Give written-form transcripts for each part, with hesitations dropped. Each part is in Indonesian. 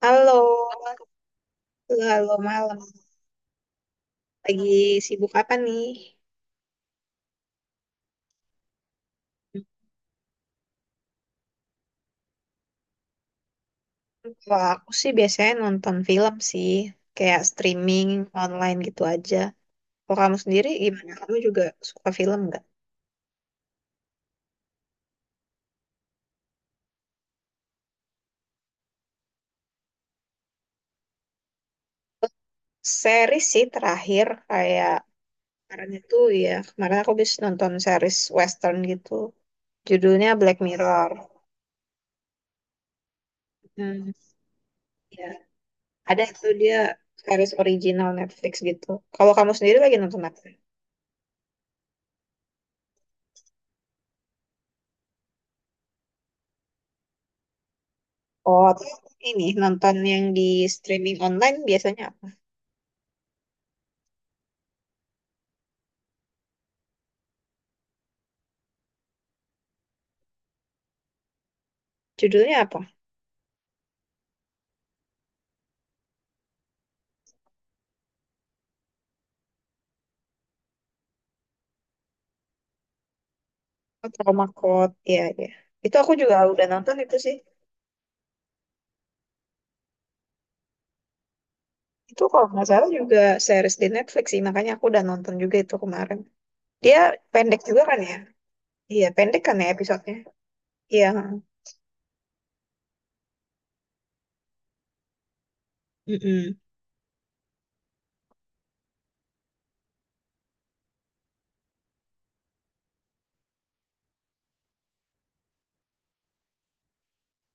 Halo, halo malam. Lagi sibuk apa nih? Kalau aku sih biasanya nonton film sih, kayak streaming online gitu aja. Kalau kamu sendiri gimana? Kamu juga suka film nggak? Series sih terakhir kayak kemarin itu ya kemarin aku habis nonton series western gitu. Judulnya Black Mirror. Hmm, ya. Ada itu dia series original Netflix gitu. Kalau kamu sendiri lagi nonton apa? Oh, terus ini nonton yang di streaming online biasanya apa? Judulnya apa? Oh, Trauma Code. Iya, iya. Itu aku juga udah nonton itu sih. Itu kalau nggak salah juga series di Netflix sih, makanya aku udah nonton juga itu kemarin. Dia pendek juga kan ya? Iya, pendek kan ya episodenya? Iya. Mm-mm.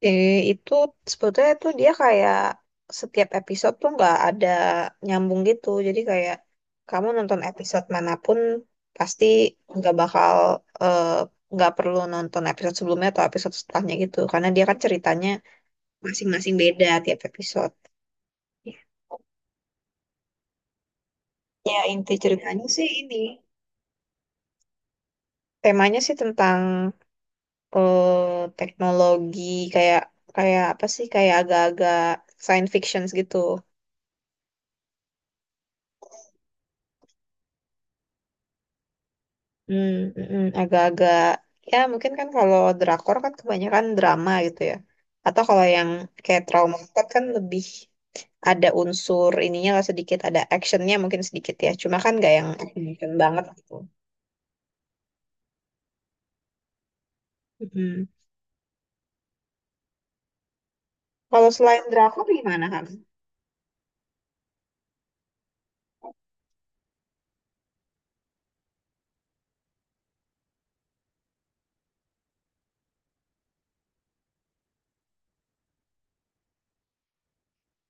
Eh, itu sebetulnya tuh dia kayak setiap episode tuh nggak ada nyambung gitu. Jadi kayak kamu nonton episode manapun pasti nggak bakal eh, nggak perlu nonton episode sebelumnya atau episode setelahnya gitu. Karena dia kan ceritanya masing-masing beda tiap episode. Ya inti ceritanya sih ini temanya sih tentang teknologi kayak kayak apa sih kayak agak-agak science fiction gitu. Hmm, agak-agak ya mungkin kan kalau drakor kan kebanyakan drama gitu ya. Atau kalau yang kayak trauma court kan lebih ada unsur ininya lah sedikit, ada actionnya mungkin sedikit ya. Cuma kan nggak yang action banget gitu. Mm. Kalau selain drakor gimana kan?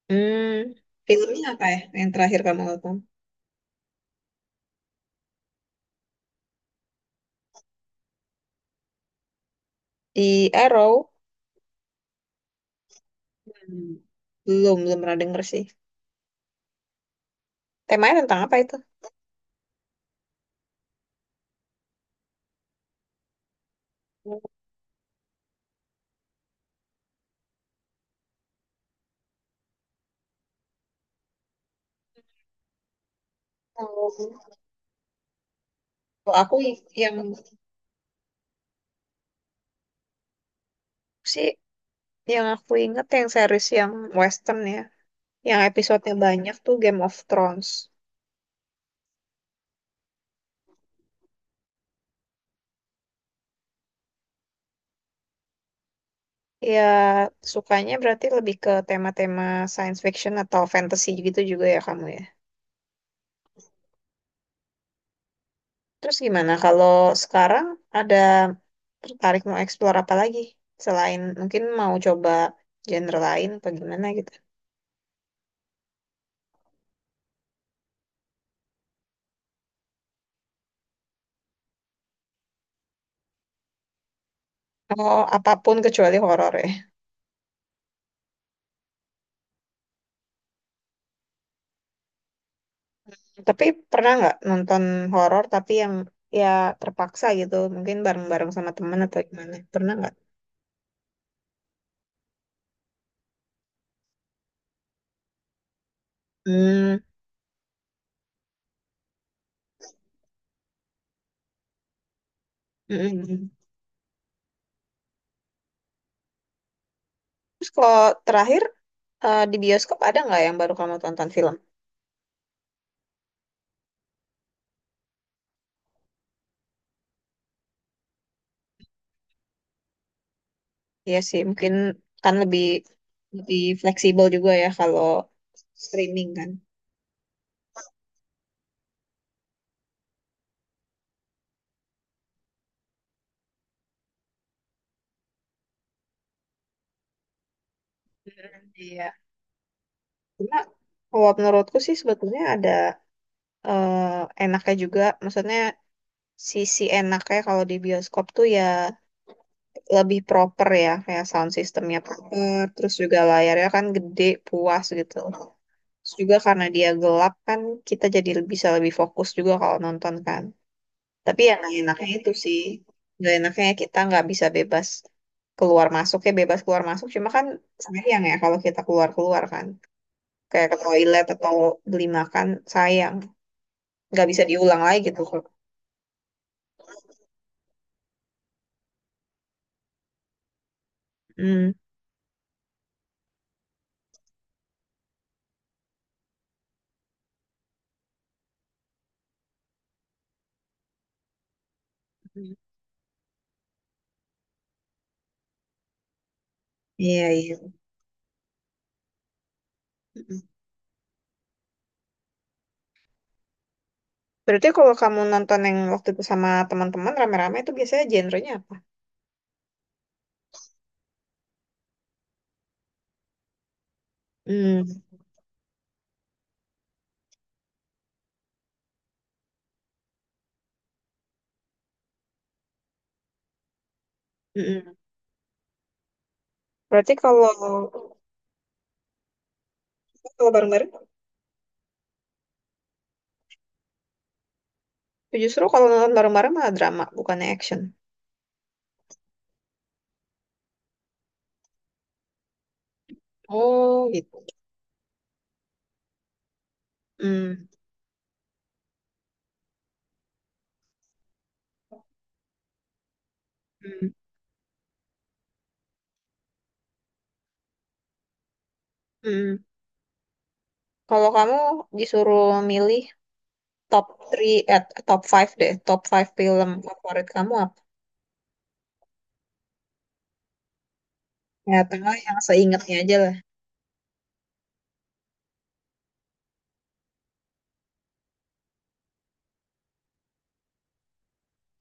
Hmm, filmnya apa ya yang terakhir kamu nonton? Di Arrow? Hmm. Belum, belum pernah denger sih. Temanya tentang apa itu? Oh, kalau aku yang sih yang aku inget yang series yang western ya, yang episodenya banyak tuh Game of Thrones. Ya, sukanya berarti lebih ke tema-tema science fiction atau fantasy gitu juga ya kamu ya. Terus gimana kalau sekarang ada tertarik mau explore apa lagi? Selain mungkin mau coba genre lain apa gimana gitu. Oh, apapun kecuali horor ya. Tapi pernah nggak nonton horor tapi yang ya terpaksa gitu, mungkin bareng-bareng sama teman atau gimana? Pernah nggak? Hmm. Mm-mm. Terus kalau terakhir di bioskop ada nggak yang baru kamu tonton film? Iya sih, mungkin kan lebih lebih fleksibel juga ya kalau streaming kan. Mm, iya. Cuma kalau menurutku sih sebetulnya ada enaknya juga, maksudnya sisi enaknya kalau di bioskop tuh ya lebih proper ya, kayak sound systemnya proper, terus juga layarnya kan gede, puas gitu. Terus juga karena dia gelap kan kita jadi bisa lebih fokus juga kalau nonton kan. Tapi yang nggak enaknya itu sih, nggak enaknya kita nggak bisa bebas keluar masuk ya bebas keluar masuk. Cuma kan sayang ya kalau kita keluar keluar kan, kayak ke toilet atau beli makan sayang, nggak bisa diulang lagi gitu. Hmm, iya iya. Mm-mm. Berarti kalau kamu nonton yang waktu itu sama teman-teman rame-rame itu biasanya genrenya apa? Hmm, mm-mm. Berarti kalau kalau bareng-bareng, justru kalau nonton bareng-bareng malah drama, bukannya action. Oh, gitu. Hmm. Hmm. Hmm. Kalau kamu disuruh milih top three, eh top five deh, top five film favorit kamu apa? Ya, tengah yang seingetnya aja lah.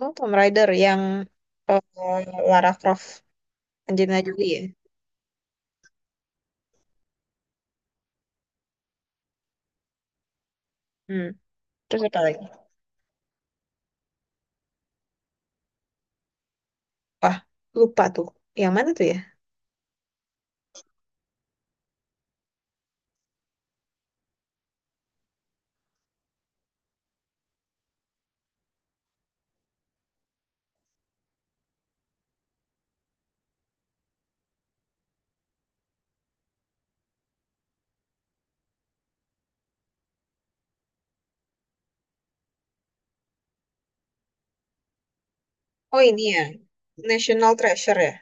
Oh, Tomb Raider yang eh, Lara Croft, Angelina Jolie ya. Hmm. Terus apa lagi? Wah, lupa tuh. Yang mana tuh ya? Oh, ini ya. National Treasure ya.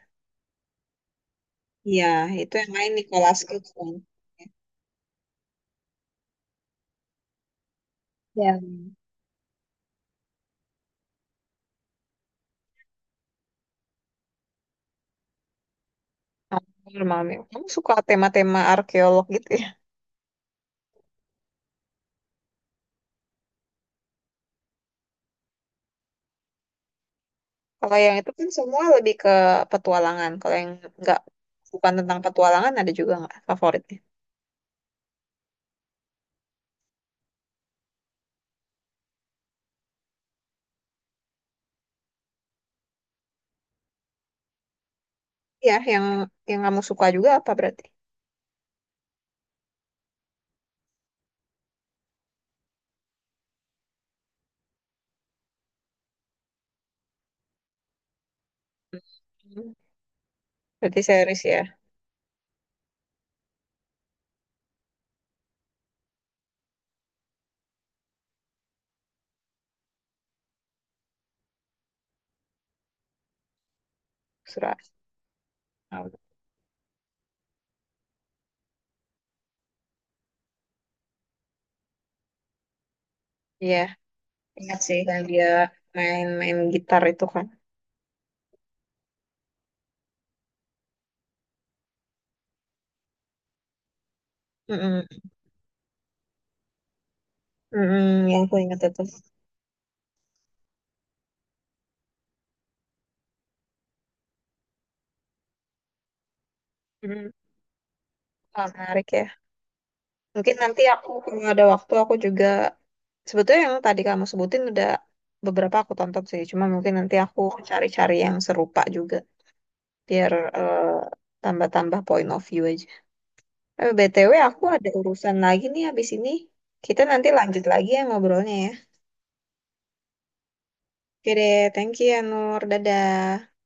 Iya, itu yang main Nicolas Cage kan. Yang malam ya. Kamu suka tema-tema arkeolog gitu ya? Kalau yang itu kan semua lebih ke petualangan. Kalau yang nggak bukan tentang petualangan ada juga nggak favoritnya? Iya, yang kamu suka juga apa berarti? Hmm. Berarti series ya, surat. Iya, ingat sih yang dia main-main gitar itu kan. Mm-mm. Mm-mm, yang aku ingat itu. Mm. Wah, menarik ya. Mungkin nanti aku kalau ada waktu aku juga sebetulnya yang tadi kamu sebutin udah beberapa aku tonton sih. Cuma mungkin nanti aku cari-cari yang serupa juga, biar eh, tambah-tambah point of view aja. Eh, BTW aku ada urusan lagi nih habis ini. Kita nanti lanjut lagi ya ngobrolnya ya. Oke deh, thank you ya Nur. Dadah.